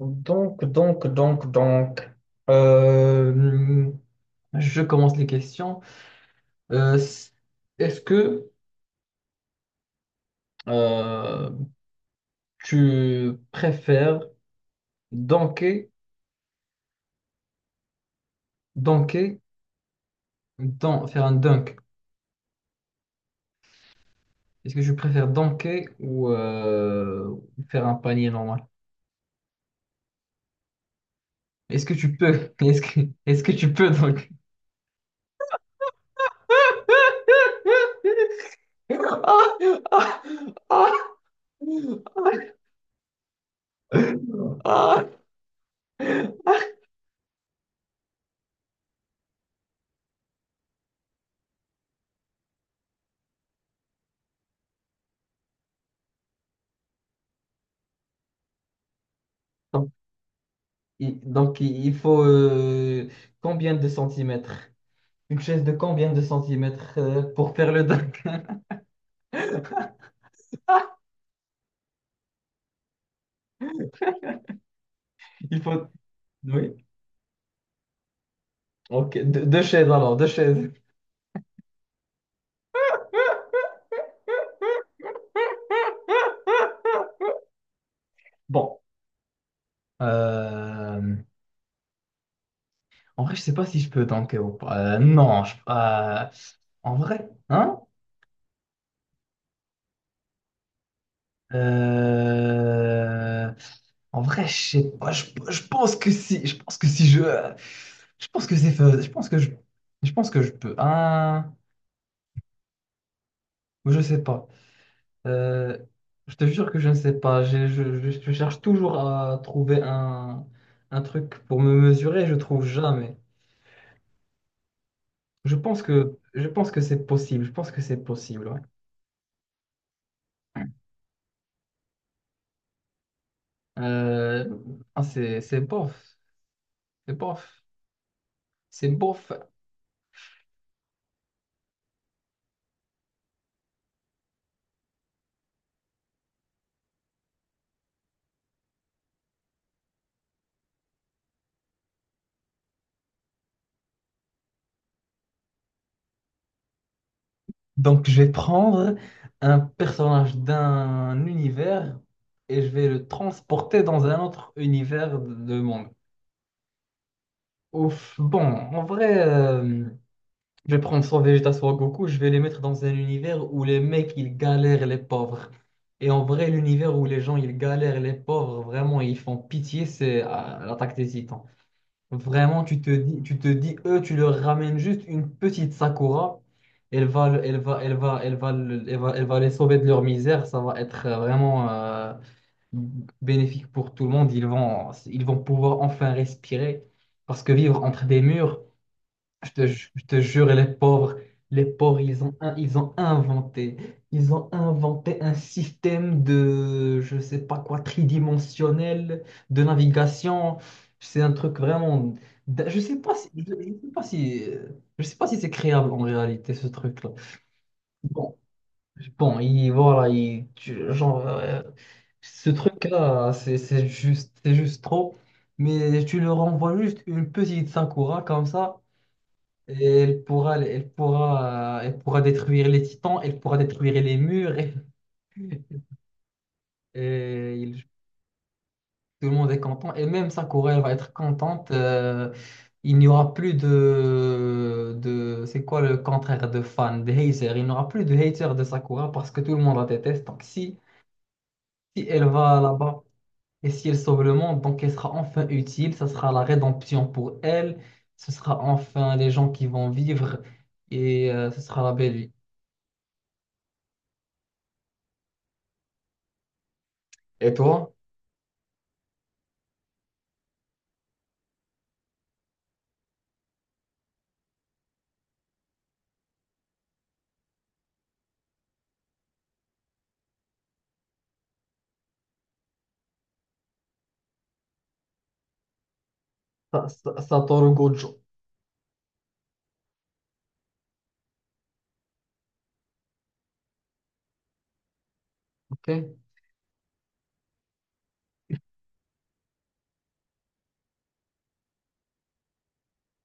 Donc. Euh, je commence les questions. Euh, s- Est-ce que euh, tu préfères dunker, dunker, faire un dunk? Est-ce que tu préfères dunker ou faire un panier normal? Est-ce que tu peux? Est-ce que tu peux dunker? Ah, ah, ah, ah. Donc, il faut combien de centimètres? Une chaise de combien de centimètres pour faire le dock? Il faut. Oui. Ok, deux chaises alors, deux chaises. Bon. euh, En vrai, je sais pas si je peux tanker ou pas. Non, en vrai, hein? Euh, En vrai, je sais pas. Je pense que si, je pense que c'est faisable. Je pense que je peux. Hein? Je sais pas. Euh, je te jure que je ne sais pas. Je cherche toujours à trouver un truc pour me mesurer, je trouve jamais. Je pense que c'est possible. Je pense que c'est possible. Ouais. Euh, c'est bof. C'est bof. C'est bof. Donc, je vais prendre un personnage d'un univers et je vais le transporter dans un autre univers de monde. Ouf, bon, en vrai. Je vais prendre soit Vegeta, soit Goku, je vais les mettre dans un univers où les mecs, ils galèrent les pauvres. Et en vrai, l'univers où les gens, ils galèrent les pauvres, vraiment, ils font pitié, c'est l'attaque des Titans. Vraiment, tu te dis, eux, tu leur ramènes juste une petite Sakura, elle va, elle va les sauver de leur misère, ça va être vraiment bénéfique pour tout le monde, ils vont pouvoir enfin respirer, parce que vivre entre des murs, je te jure, les pauvres, les pauvres, ils ont, in- ils ont inventé, ils ont inventé un système de, je sais pas quoi, tridimensionnel de navigation. C'est un truc vraiment, je sais pas si, je sais pas si, je sais pas si c'est créable en réalité ce truc-là. Bon, bon, voilà, genre, ce truc-là, c'est juste trop. Mais tu leur envoies juste une petite Sakura comme ça. Et elle pourra détruire les titans, elle pourra détruire les murs. Et tout le monde est content. Et même Sakura, elle va être contente. Il n'y aura plus de... C'est quoi le contraire de fan, de hater? Il n'y aura plus de hater de Sakura parce que tout le monde la déteste. Donc si, si elle va là-bas et si elle sauve le monde, donc elle sera enfin utile. Ça sera la rédemption pour elle. Ce sera enfin les gens qui vont vivre et ce sera la belle vie. Et toi? Satoru Gojo. OK?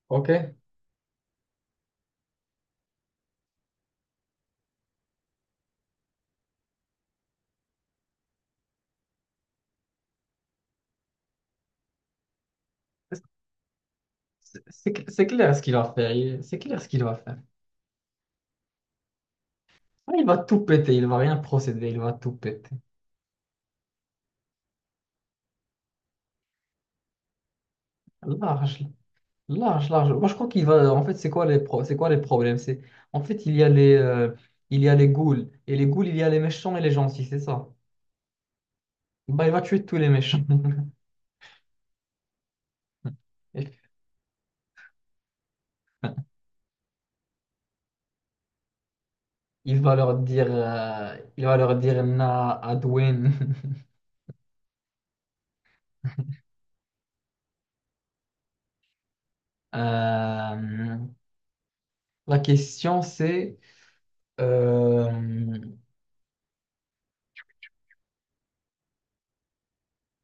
OK? C'est clair ce qu'il va faire. C'est clair ce qu'il va faire. Ah, il va tout péter. Il va rien procéder. Il va tout péter. Large. Large, large. Moi, je crois qu'il va. En fait, c'est quoi les problèmes? C'est... En fait, il y a les ghouls. Et les ghouls, il y a les méchants et les gentils. C'est ça. Bah, il va tuer tous les méchants. Il va leur dire, il va leur dire Na Adwin. Euh, la question c'est, euh,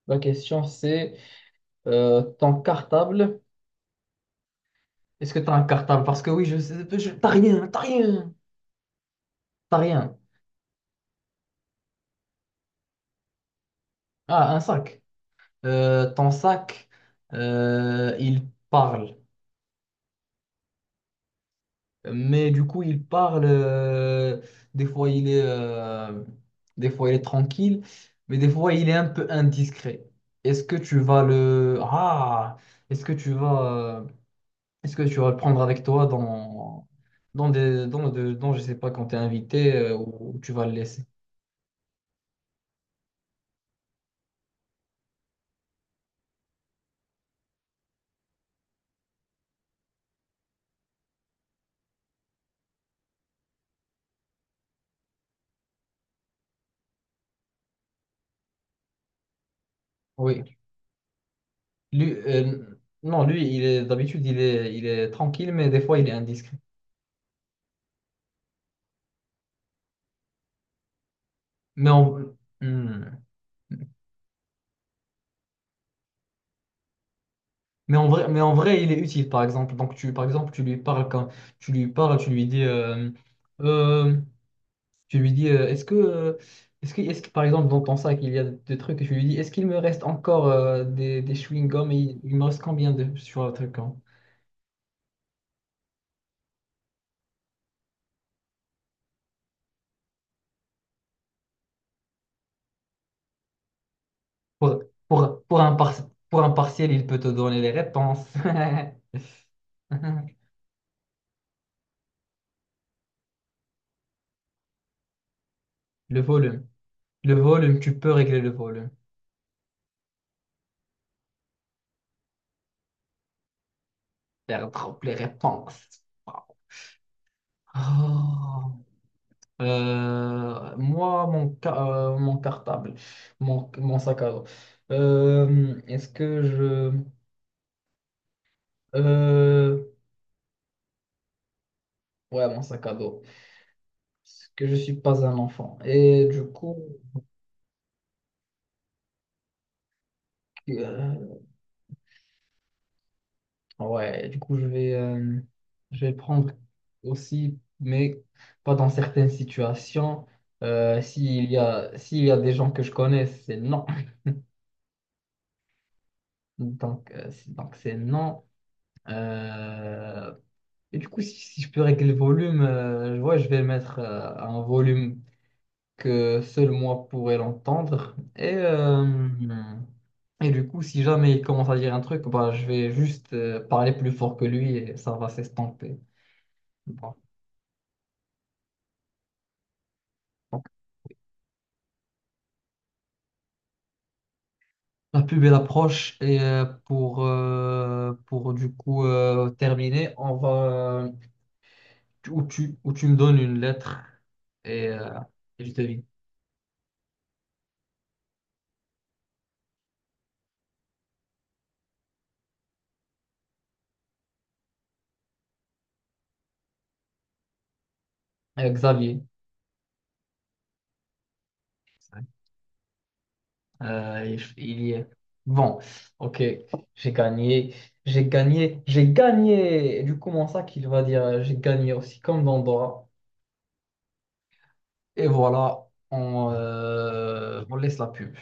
La question c'est ton cartable. Est-ce que tu as un cartable? Parce que oui, je sais, t'as rien, t'as rien. Ah, un sac. Ton sac, il parle. Mais du coup, il parle. Des fois, des fois, il est tranquille, mais des fois, il est un peu indiscret. Est-ce que tu vas le, ah, est-ce que tu vas, euh, Est-ce que tu vas le prendre avec toi dans, dans, je sais pas, quand tu es invité ou tu vas le laisser? Oui. Lui, non, lui, il est tranquille, mais des fois, il est indiscret. Mais en, Hmm. Mais en vrai, mais en vrai, il est utile, par exemple. Donc, tu, par exemple, tu lui parles quand tu lui parles, tu lui dis, euh, euh, tu lui dis, est-ce que, est-ce que, par exemple, dans ton sac, il y a des trucs, et tu lui dis, est-ce qu'il me reste encore des chewing-gums et il me reste combien de sur le truc? Hein. Pour pour un partiel, il peut te donner les réponses. Le volume. Le volume, tu peux régler le volume. Faire drop les réponses. Oh. Euh, moi, mon, ca- Mon cartable, mon sac à dos. Est-ce que je... euh, ouais, mon sac à dos. Parce que je suis pas un enfant. Euh, Ouais, du coup, je vais prendre aussi, mais pas dans certaines situations. S'il y a des gens que je connais, c'est non. Donc c'est non. Euh, et du coup, si, si je peux régler le volume, je vais mettre un volume que seul moi pourrais l'entendre. Et du coup, si jamais il commence à dire un truc, bah, je vais juste parler plus fort que lui et ça va s'estomper. Bon. La pub elle approche et pour du coup terminer, on va euh, ou tu me donnes une lettre et, euh, et je devine. Xavier, il y est. Bon, ok, j'ai gagné, j'ai gagné, j'ai gagné. Et du coup, mon sac, il va dire j'ai gagné aussi comme Dandora. Et voilà, on laisse la pub.